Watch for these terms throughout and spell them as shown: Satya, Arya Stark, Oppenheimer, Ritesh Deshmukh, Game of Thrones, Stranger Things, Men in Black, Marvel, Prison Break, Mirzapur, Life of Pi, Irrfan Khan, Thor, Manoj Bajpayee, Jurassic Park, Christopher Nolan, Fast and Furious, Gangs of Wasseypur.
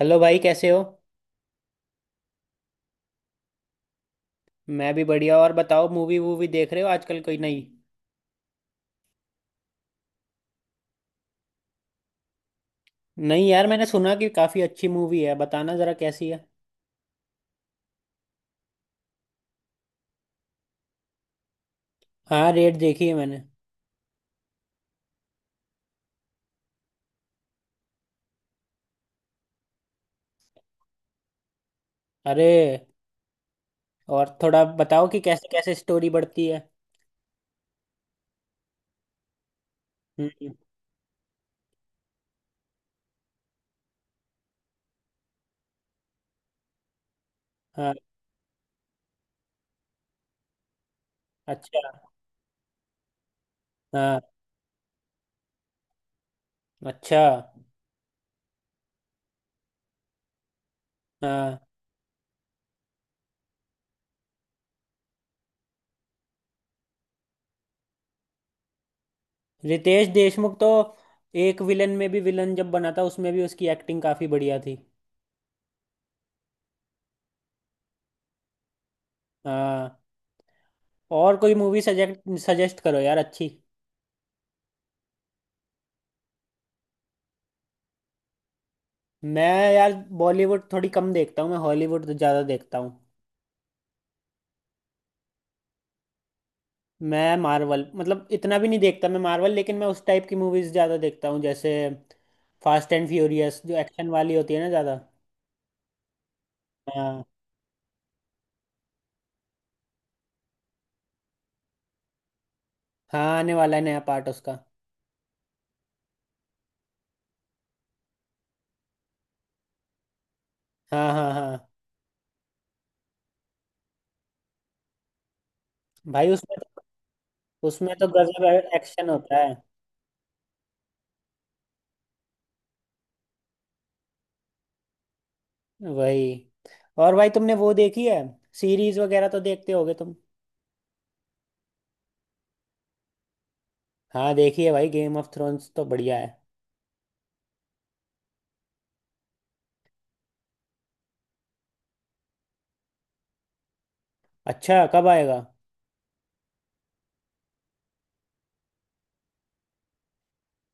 Hello भाई, कैसे हो। मैं भी बढ़िया। और बताओ, मूवी वूवी देख रहे हो आजकल कोई नई। नहीं यार, मैंने सुना कि काफ़ी अच्छी मूवी है, बताना ज़रा कैसी है। हाँ, रेड देखी है मैंने। अरे। और थोड़ा बताओ कि कैसे कैसे स्टोरी बढ़ती है। हम्म। हाँ। अच्छा। हाँ। अच्छा। हाँ। रितेश देशमुख तो एक विलन में भी विलन जब बना था, उसमें भी उसकी एक्टिंग काफ़ी बढ़िया थी। हाँ। और कोई मूवी सजेस्ट सजेस्ट करो यार अच्छी। मैं, यार, बॉलीवुड थोड़ी कम देखता हूँ मैं, हॉलीवुड तो ज़्यादा देखता हूँ। मैं मार्वल मतलब इतना भी नहीं देखता मैं मार्वल, लेकिन मैं उस टाइप की मूवीज़ ज़्यादा देखता हूँ जैसे फास्ट एंड फ्यूरियस, जो एक्शन वाली होती है ना ज़्यादा। हाँ। हाँ, आने वाला है नया पार्ट उसका। हाँ, हाँ, हाँ। भाई उसमें तो गजब एक्शन होता है। वही। और भाई तुमने वो देखी है, सीरीज वगैरह तो देखते होगे तुम। हाँ, देखी है भाई, गेम ऑफ थ्रोन्स तो बढ़िया है। अच्छा, कब आएगा।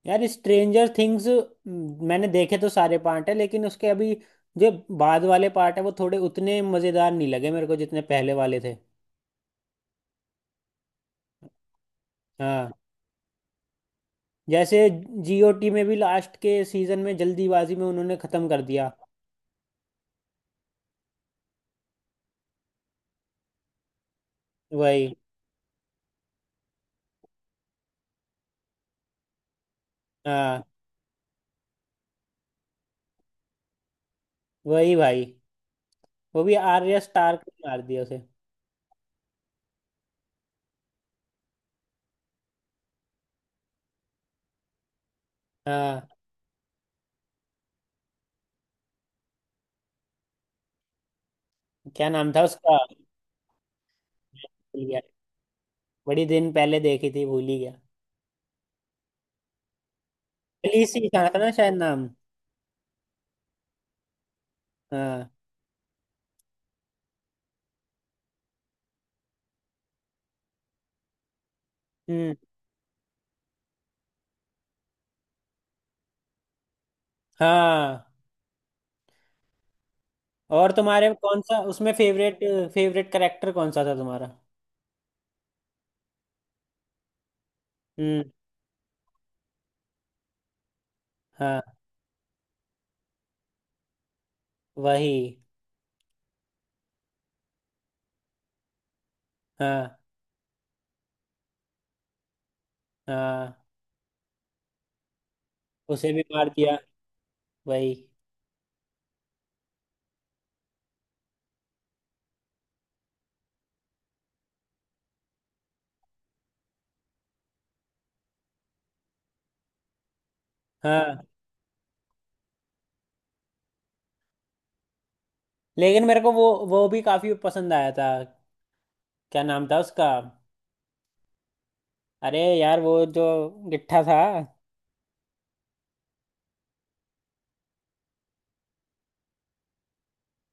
यार स्ट्रेंजर थिंग्स मैंने देखे तो सारे पार्ट है, लेकिन उसके अभी जो बाद वाले पार्ट है वो थोड़े उतने मज़ेदार नहीं लगे मेरे को जितने पहले वाले थे। हाँ, जैसे जीओटी में भी लास्ट के सीजन में जल्दीबाजी में उन्होंने ख़त्म कर दिया। वही। हाँ। वही भाई, वो भी आर्या स्टार्क ने मार दिया उसे। हाँ। क्या नाम था उसका, भूल गया। बड़ी दिन पहले देखी थी, भूल ही गया। अलीसी था ना शायद नाम। हाँ। हम्म। हाँ। और तुम्हारे कौन सा उसमें फेवरेट, करेक्टर कौन सा था तुम्हारा। हम्म। हाँ। वही। हाँ, हाँ। उसे भी मार दिया। वही। हाँ। लेकिन मेरे को वो, भी काफी पसंद आया था। क्या नाम था उसका। अरे यार वो जो गिट्ठा था।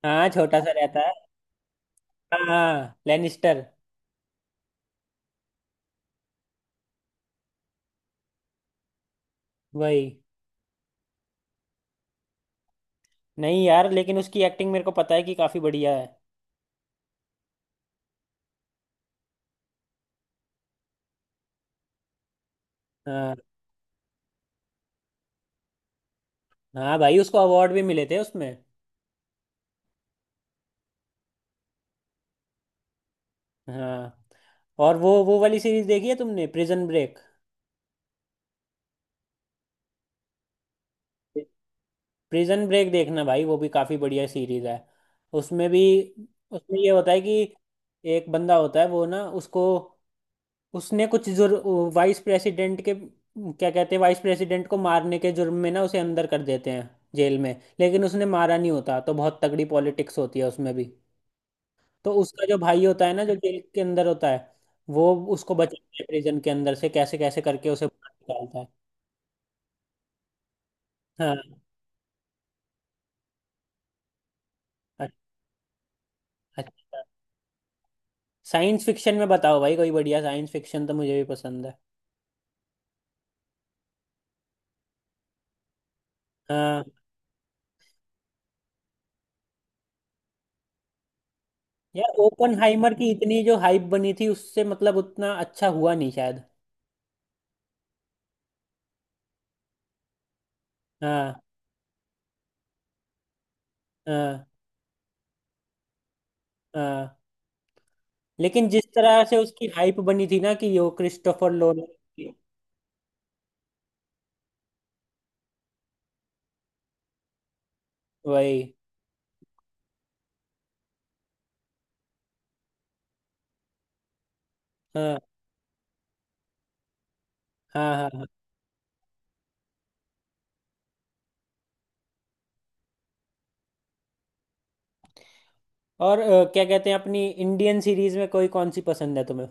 हाँ, छोटा सा रहता है। हाँ, लेनिस्टर। वही। नहीं यार, लेकिन उसकी एक्टिंग मेरे को पता है कि काफी बढ़िया है। हाँ। हाँ भाई, उसको अवार्ड भी मिले थे उसमें। हाँ। और वो, वाली सीरीज देखी है तुमने, प्रिजन ब्रेक। प्रिजन ब्रेक देखना भाई, वो भी काफी बढ़िया सीरीज है। उसमें भी उसमें ये होता है कि एक बंदा होता है, वो ना, उसको, उसने कुछ जुर्म, वाइस प्रेसिडेंट के, क्या कहते हैं, वाइस प्रेसिडेंट को मारने के जुर्म में ना उसे अंदर कर देते हैं, जेल में। लेकिन उसने मारा नहीं होता, तो बहुत तगड़ी पॉलिटिक्स होती है उसमें भी। तो उसका जो भाई होता है ना, जो जेल के अंदर होता है, वो उसको बचाता है, प्रिजन के अंदर से कैसे कैसे करके उसे बाहर निकालता है। हाँ। अच्छा, साइंस फिक्शन में बताओ भाई कोई बढ़िया, साइंस फिक्शन तो मुझे भी पसंद है। हाँ। यार, ओपनहाइमर की इतनी जो हाइप बनी थी उससे मतलब उतना अच्छा हुआ नहीं शायद। हाँ। हाँ। हाँ लेकिन जिस तरह से उसकी हाइप बनी थी ना कि वो क्रिस्टोफर लोन। वही। हाँ, हाँ, हाँ, हाँ। और क्या कहते हैं, अपनी इंडियन सीरीज में कोई कौन सी पसंद है तुम्हें।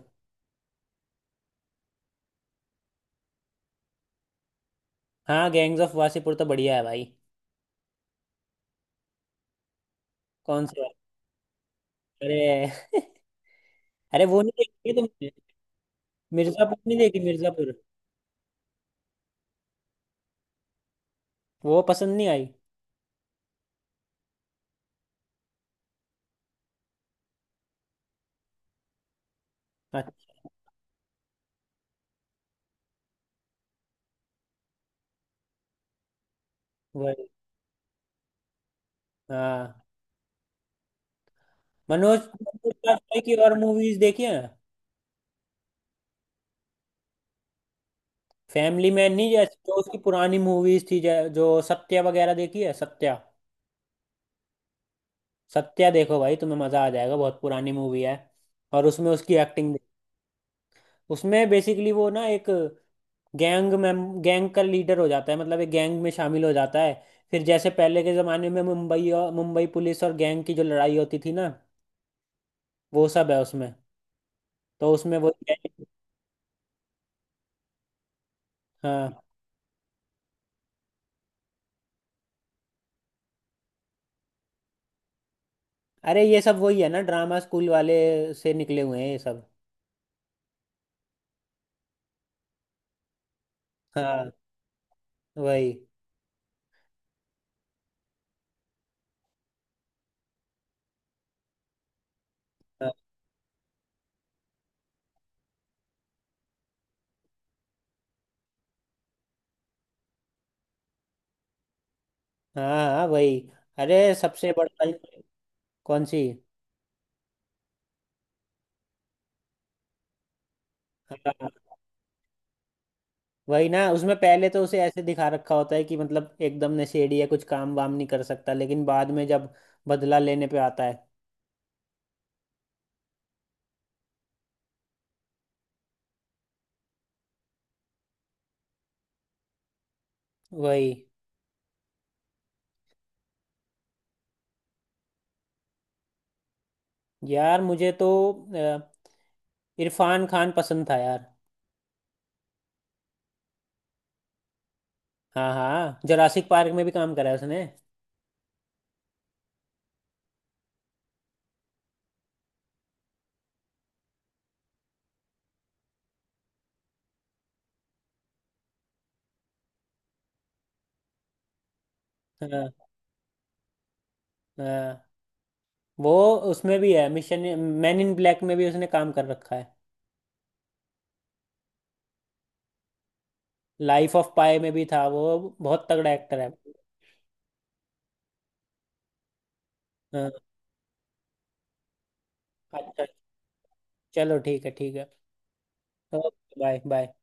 हाँ, गैंग्स ऑफ वासेपुर तो बढ़िया है भाई। कौन सी वाली? अरे। अरे वो नहीं देखी है तुमने, मिर्जापुर नहीं देखी, मिर्जापुर? वो पसंद नहीं आई। अच्छा। हाँ। मनोज मनोज वाजपेयी की और मूवीज देखी है ना। फैमिली मैन नहीं, जैसे जो उसकी पुरानी मूवीज थी, जो सत्या वगैरह, देखी है सत्या? सत्या देखो भाई, तुम्हें मजा आ जाएगा, बहुत पुरानी मूवी है। और उसमें उसकी एक्टिंग। उसमें बेसिकली वो ना, एक गैंग में, गैंग का लीडर हो जाता है, मतलब एक गैंग में शामिल हो जाता है। फिर जैसे पहले के जमाने में मुंबई, और मुंबई पुलिस और गैंग की जो लड़ाई होती थी ना, वो सब है उसमें। तो उसमें वो। हाँ। अरे ये सब वही है ना, ड्रामा स्कूल वाले से निकले हुए हैं ये सब। हाँ। वही। हाँ, हाँ, हाँ, वही। अरे, सबसे बड़ा। कौन सी। हाँ। वही ना, उसमें पहले तो उसे ऐसे दिखा रखा होता है कि मतलब एकदम नशेड़ी है, कुछ काम वाम नहीं कर सकता, लेकिन बाद में जब बदला लेने पे आता है। वही। यार मुझे तो अ, इरफान खान पसंद था यार। हाँ, हाँ, जोरासिक पार्क में भी काम करा है उसने। हाँ। हाँ। वो उसमें भी है, मिशन। मैन इन ब्लैक में भी उसने काम कर रखा है। लाइफ ऑफ पाई में भी था वो, बहुत तगड़ा एक्टर है। हाँ, अच्छा। चलो, ठीक है, ठीक है। Okay, bye bye.